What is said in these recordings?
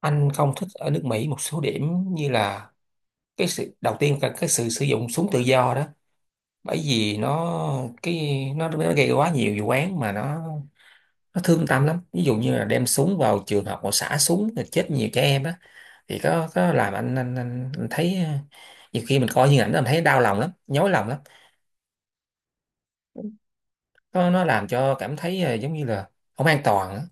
Anh không thích ở nước Mỹ một số điểm như là cái sự đầu tiên là cái sự sử dụng súng tự do đó, bởi vì nó gây quá nhiều vụ án mà nó thương tâm lắm, ví dụ như là đem súng vào trường học mà xả súng rồi chết nhiều trẻ em á. Thì có làm anh thấy nhiều khi mình coi như ảnh đó, mình thấy đau lòng lắm, nhói lòng lắm, nó làm cho cảm thấy giống như là không an toàn á.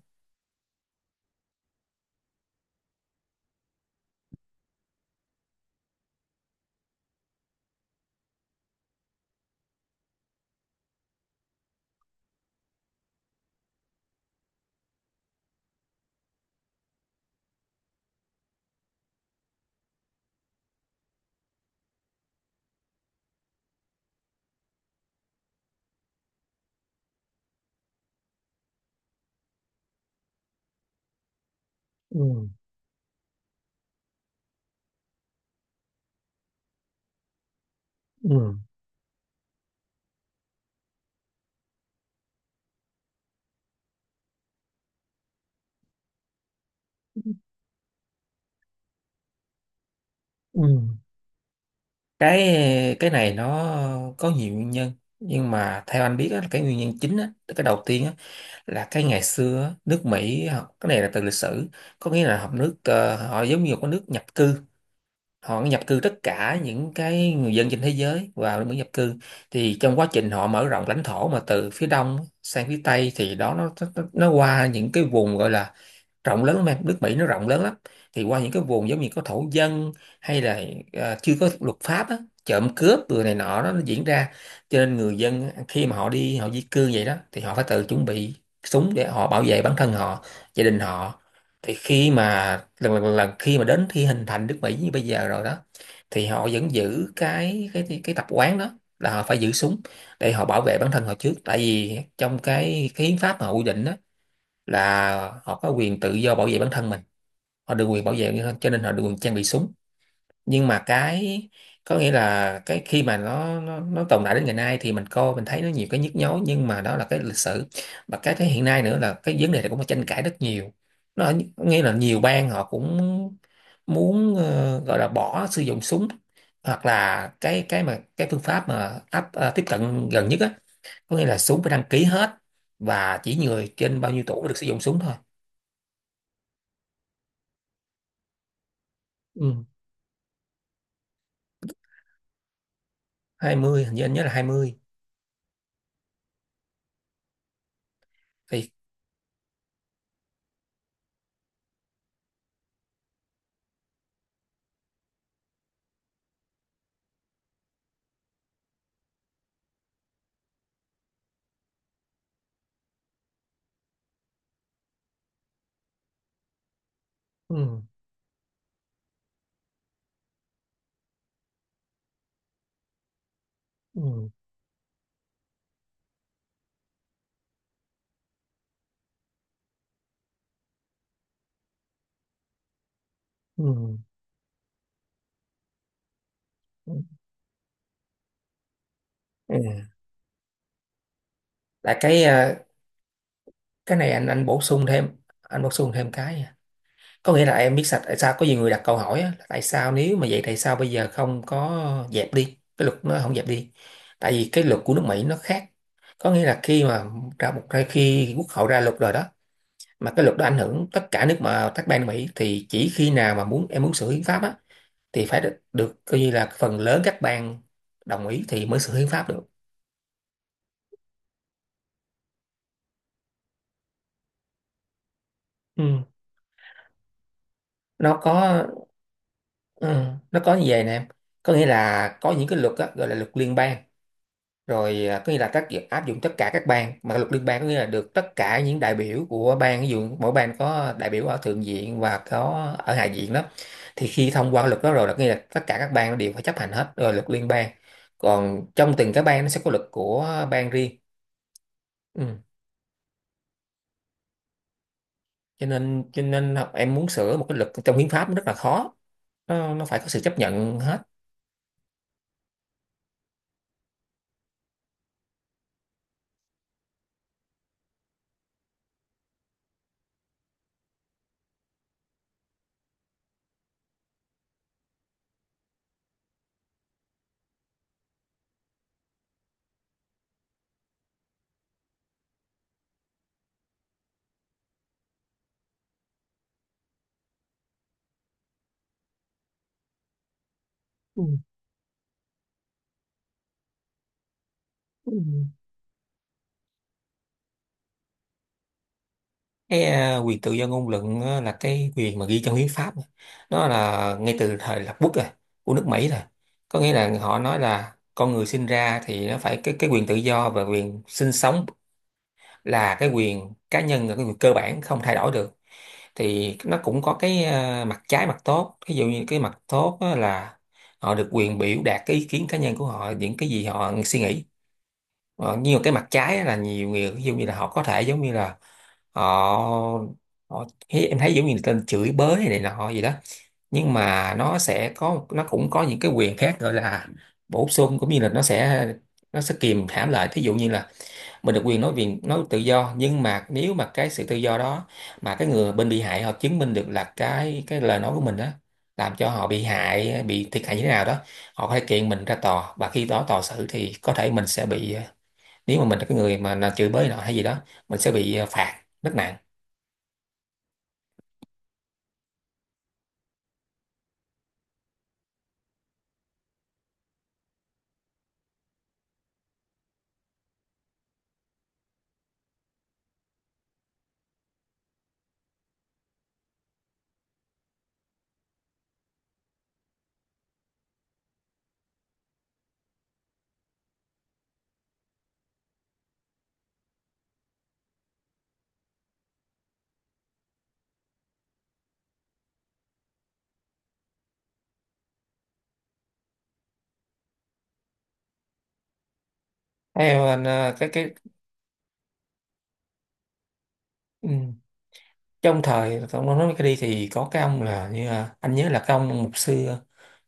Ừ, ừ, ừ. cái cái này nó có nhiều nguyên nhân, nhưng mà theo anh biết á, cái nguyên nhân chính á, cái đầu tiên á, là cái ngày xưa á, nước Mỹ họ- cái này là từ lịch sử, có nghĩa là họ nước họ giống như một cái nước nhập cư, họ nhập cư tất cả những cái người dân trên thế giới vào nước nhập cư. Thì trong quá trình họ mở rộng lãnh thổ mà từ phía đông sang phía tây thì đó nó qua những cái vùng gọi là rộng lớn lắm em, nước Mỹ nó rộng lớn lắm, thì qua những cái vùng giống như có thổ dân hay là chưa có luật pháp á, trộm cướp rồi này nọ đó, nó diễn ra. Cho nên người dân khi mà họ đi họ di cư vậy đó thì họ phải tự chuẩn bị súng để họ bảo vệ bản thân họ, gia đình họ. Thì khi mà lần lần, lần khi mà đến khi hình thành nước Mỹ như bây giờ rồi đó thì họ vẫn giữ cái tập quán đó, là họ phải giữ súng để họ bảo vệ bản thân họ trước, tại vì trong cái hiến pháp mà họ quy định đó là họ có quyền tự do bảo vệ bản thân mình. Họ được quyền bảo vệ như thế, cho nên họ được quyền trang bị súng. Nhưng mà cái, có nghĩa là cái khi mà nó tồn tại đến ngày nay thì mình coi mình thấy nó nhiều cái nhức nhối, nhưng mà đó là cái lịch sử. Và cái thế hiện nay nữa là cái vấn đề này cũng có tranh cãi rất nhiều, nó nghĩa là nhiều bang họ cũng muốn gọi là bỏ sử dụng súng, hoặc là cái mà cái phương pháp mà tiếp cận gần nhất á, có nghĩa là súng phải đăng ký hết, và chỉ người trên bao nhiêu tuổi mới được sử dụng súng thôi. Ừ. 20, hình như anh nhớ là 20. Thì, ừ, ừ, ừ, ừ. Ừ. Là cái này anh bổ sung thêm, anh bổ sung thêm cái nha. Có nghĩa là em biết sạch tại sao có nhiều người đặt câu hỏi á, là tại sao nếu mà vậy tại sao bây giờ không có dẹp đi, cái luật nó không dẹp đi, tại vì cái luật của nước Mỹ nó khác. Có nghĩa là khi mà ra một khi quốc hội ra luật rồi đó, mà cái luật đó ảnh hưởng tất cả nước mà các bang Mỹ, thì chỉ khi nào mà muốn em muốn sửa hiến pháp á thì phải được, được coi như là phần lớn các bang đồng ý thì mới sửa hiến pháp được. Ừ, nó có. Ừ, nó có như vậy nè em, có nghĩa là có những cái luật á, gọi là luật liên bang, rồi có nghĩa là tác dụng áp dụng tất cả các bang, mà luật liên bang có nghĩa là được tất cả những đại biểu của bang, ví dụ mỗi bang có đại biểu ở thượng viện và có ở hạ viện đó, thì khi thông qua luật đó rồi là có nghĩa là tất cả các bang đều phải chấp hành hết rồi, luật liên bang. Còn trong từng cái bang nó sẽ có luật của bang riêng. Ừ. Cho nên cho nên là em muốn sửa một cái luật trong hiến pháp nó rất là khó, nó phải có sự chấp nhận hết. Ừ. Ừ. Cái quyền tự do ngôn luận á, là cái quyền mà ghi trong hiến pháp mà. Nó là ngay từ thời lập quốc rồi, của nước Mỹ rồi. Có nghĩa là họ nói là con người sinh ra thì nó phải cái quyền tự do và quyền sinh sống, là cái quyền cá nhân, là cái quyền cơ bản không thay đổi được. Thì nó cũng có cái mặt trái mặt tốt, ví dụ như cái mặt tốt á là họ được quyền biểu đạt cái ý kiến cá nhân của họ, những cái gì họ suy nghĩ. Nhưng mà cái mặt trái á là nhiều người ví dụ như là họ có thể giống như là họ, họ thấy- em thấy giống như người ta chửi bới này, này nọ gì đó, nhưng mà nó sẽ có nó cũng có những cái quyền khác gọi là bổ sung, cũng như là nó sẽ kìm hãm lại. Thí dụ như là mình được quyền nói, quyền nói tự do, nhưng mà nếu mà cái sự tự do đó mà cái người bên bị hại họ chứng minh được là cái lời nói của mình đó làm cho họ bị hại, bị thiệt hại như thế nào đó, họ có thể kiện mình ra tòa, và khi đó tòa xử thì có thể mình sẽ bị, nếu mà mình là cái người mà là chửi bới nọ hay gì đó, mình sẽ bị phạt rất nặng. Theo anh ờ, cái ừ, trong thời ông nói cái đi thì có cái ông là như là- anh nhớ là cái ông mục sư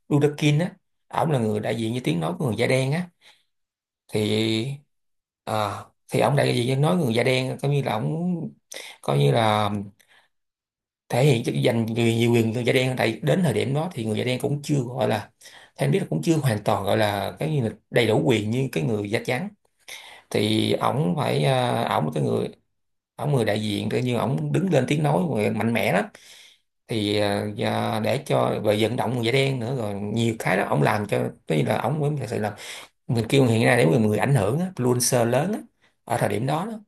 Ludakin á, ổng là người đại diện cho tiếng nói của người da đen á. Thì à, thì ông đại diện nói người da đen coi như là ông, coi như là thể hiện chức dành nhiều, nhiều quyền người da đen, tại đến thời điểm đó thì người da đen cũng chưa gọi là, theo em biết là cũng chưa hoàn toàn gọi là cái như là đầy đủ quyền như cái người da trắng. Thì ổng phải ổng là cái người, ổng người đại diện tự nhiên ổng đứng lên tiếng nói người mạnh mẽ lắm. Thì và để cho về vận động người da đen nữa rồi nhiều cái đó ổng làm cho cái như là ổng mới thật sự là mình kêu hiện nay để người người ảnh hưởng á, influencer lớn á, ở thời điểm đó đó.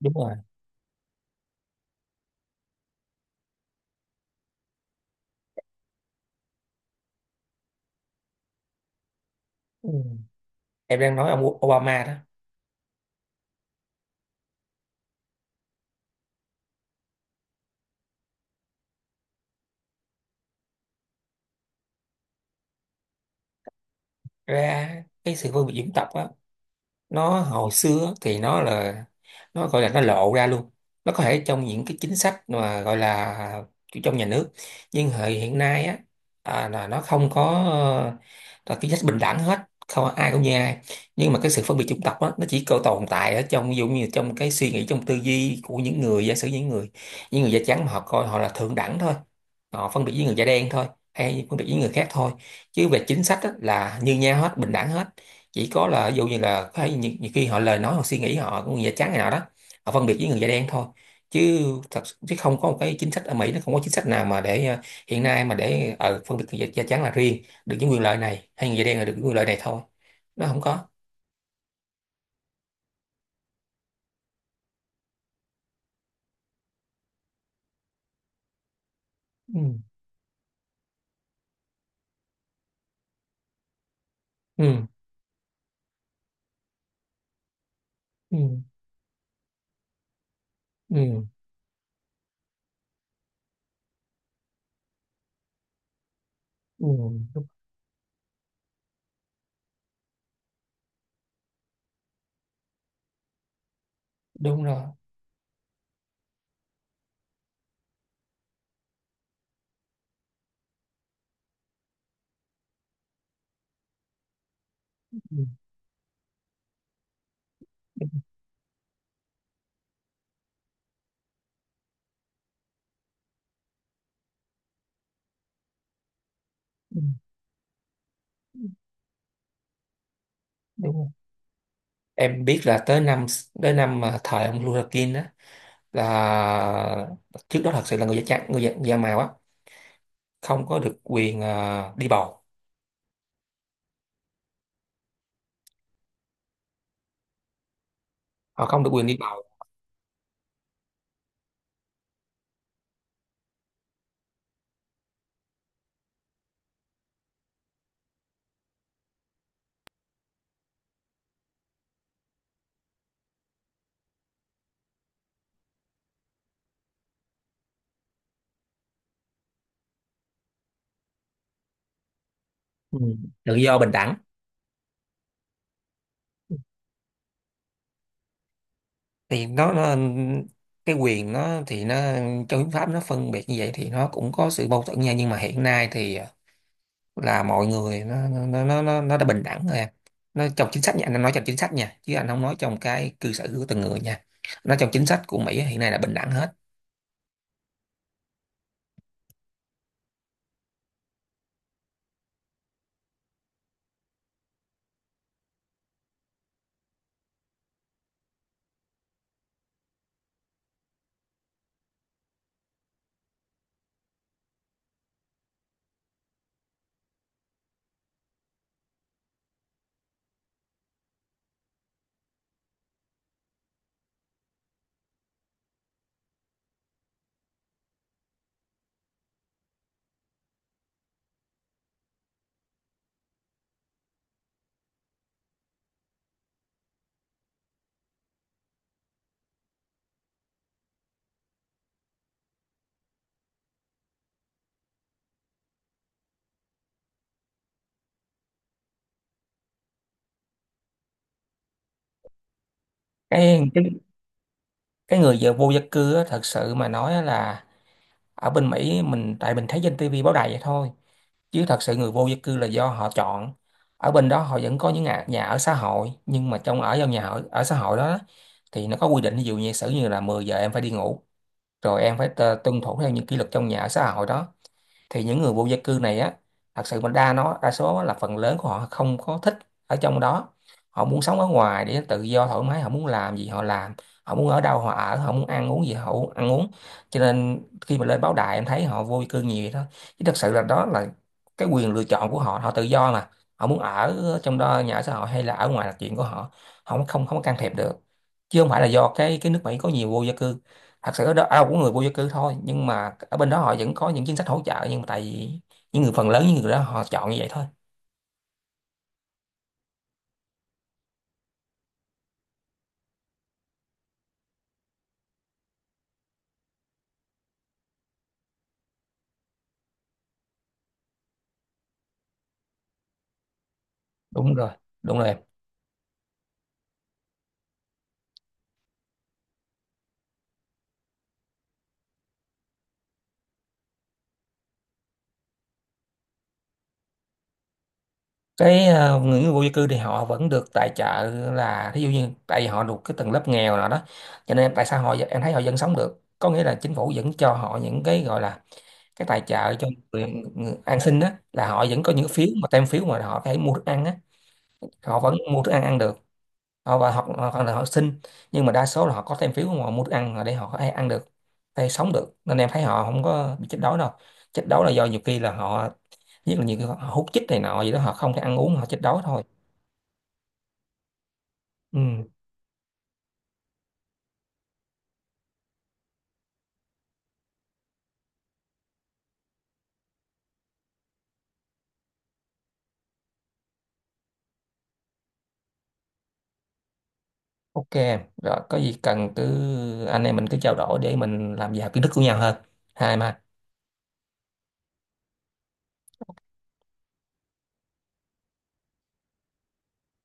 Đúng rồi. Ừ. Em đang nói ông Obama đó. Ra cái sự phân biệt dân tộc á, nó hồi xưa thì nó là, nó gọi là nó lộ ra luôn, nó có thể trong những cái chính sách mà gọi là kiểu trong nhà nước, nhưng hệ hiện nay á, là nó không có, ờ, là chính sách bình đẳng hết, không ai cũng như ai. Nhưng mà cái sự phân biệt chủng tộc á nó chỉ có tồn tại ở trong ví dụ như trong cái suy nghĩ, trong tư duy của những người, giả sử những người, những người da trắng mà họ coi họ là thượng đẳng thôi, họ phân biệt với người da đen thôi, hay phân biệt với người khác thôi. Chứ về chính sách á, là như nhau hết, bình đẳng hết. Chỉ có là ví dụ như là có thể nhiều, nhiều khi họ lời nói hoặc suy nghĩ họ của người da trắng này nọ đó, họ phân biệt với người da đen thôi. Chứ thật chứ không có một cái chính sách ở Mỹ, nó không có chính sách nào mà để hiện nay mà để phân biệt người da, da trắng là riêng được những quyền lợi này, hay người da đen là được những quyền lợi này thôi. Nó không có. Ừ. Ừ. Ừ. Ừ, ừ. Đúng, đúng rồi. Ừ. Đúng, ừ, đúng rồi. Em biết là tới năm mà thời ông Luther King đó, là trước đó thật sự là người da trắng, người da, da màu á không có được quyền đi bầu, họ không được quyền đi bầu. Ừ. Tự do bình đẳng. Thì nó cái quyền nó thì nó trong hiến pháp nó phân biệt như vậy thì nó cũng có sự mâu thuẫn nha, nhưng mà hiện nay thì là mọi người nó đã bình đẳng rồi em. Nó trong chính sách nha, anh nói trong chính sách nha, chứ anh không nói trong cái cư xử của từng người nha. Nó trong chính sách của Mỹ hiện nay là bình đẳng hết. Cái cái, cái người vô gia cư á, thật sự mà nói là ở bên Mỹ mình, tại mình thấy trên TV báo đài vậy thôi, chứ thật sự người vô gia cư là do họ chọn. Ở bên đó họ vẫn có những nhà, nhà ở xã hội, nhưng mà trong ở trong nhà ở, ở xã hội đó thì nó có quy định ví dụ như sử như là 10 giờ em phải đi ngủ, rồi em phải tuân thủ theo những kỷ luật trong nhà ở xã hội đó. Thì những người vô gia cư này á, thật sự mình đa nó đa số là phần lớn của họ không có thích ở trong đó, họ muốn sống ở ngoài để tự do thoải mái, họ muốn làm gì họ làm, họ muốn ở đâu họ ở, họ muốn ăn uống gì họ ăn uống. Cho nên khi mà lên báo đài em thấy họ vô gia cư nhiều vậy đó, chứ thật sự là đó là cái quyền lựa chọn của họ, họ tự do mà, họ muốn ở trong đó nhà ở xã hội hay là ở ngoài là chuyện của họ, họ không không không có can thiệp được. Chứ không phải là do cái nước Mỹ có nhiều vô gia cư. Thật sự ở đó ai cũng người vô gia cư thôi, nhưng mà ở bên đó họ vẫn có những chính sách hỗ trợ, nhưng mà tại vì những người phần lớn những người đó họ chọn như vậy thôi. Đúng rồi. Đúng rồi em. Cái người người vô gia cư thì họ vẫn được tài trợ, là thí dụ như tại vì họ thuộc cái tầng lớp nghèo nào đó, cho nên tại sao họ em thấy họ vẫn sống được, có nghĩa là chính phủ vẫn cho họ những cái gọi là cái tài trợ cho người ăn xin á, là họ vẫn có những phiếu mà tem phiếu mà họ phải mua thức ăn á. Họ vẫn mua thức ăn ăn được, họ và hoặc hoặc là họ xin, nhưng mà đa số là họ có thêm phiếu mà họ mua thức ăn để họ có thể ăn được hay sống được, nên em thấy họ không có bị chết đói đâu. Chết đói là do nhiều khi là họ, nhất là nhiều khi họ hút chích này nọ gì đó, họ không thể ăn uống, họ chết đói thôi. Ừ. OK em. Rồi có gì cần cứ anh em mình cứ trao đổi để mình làm giàu kiến thức của nhau hơn, hai mà.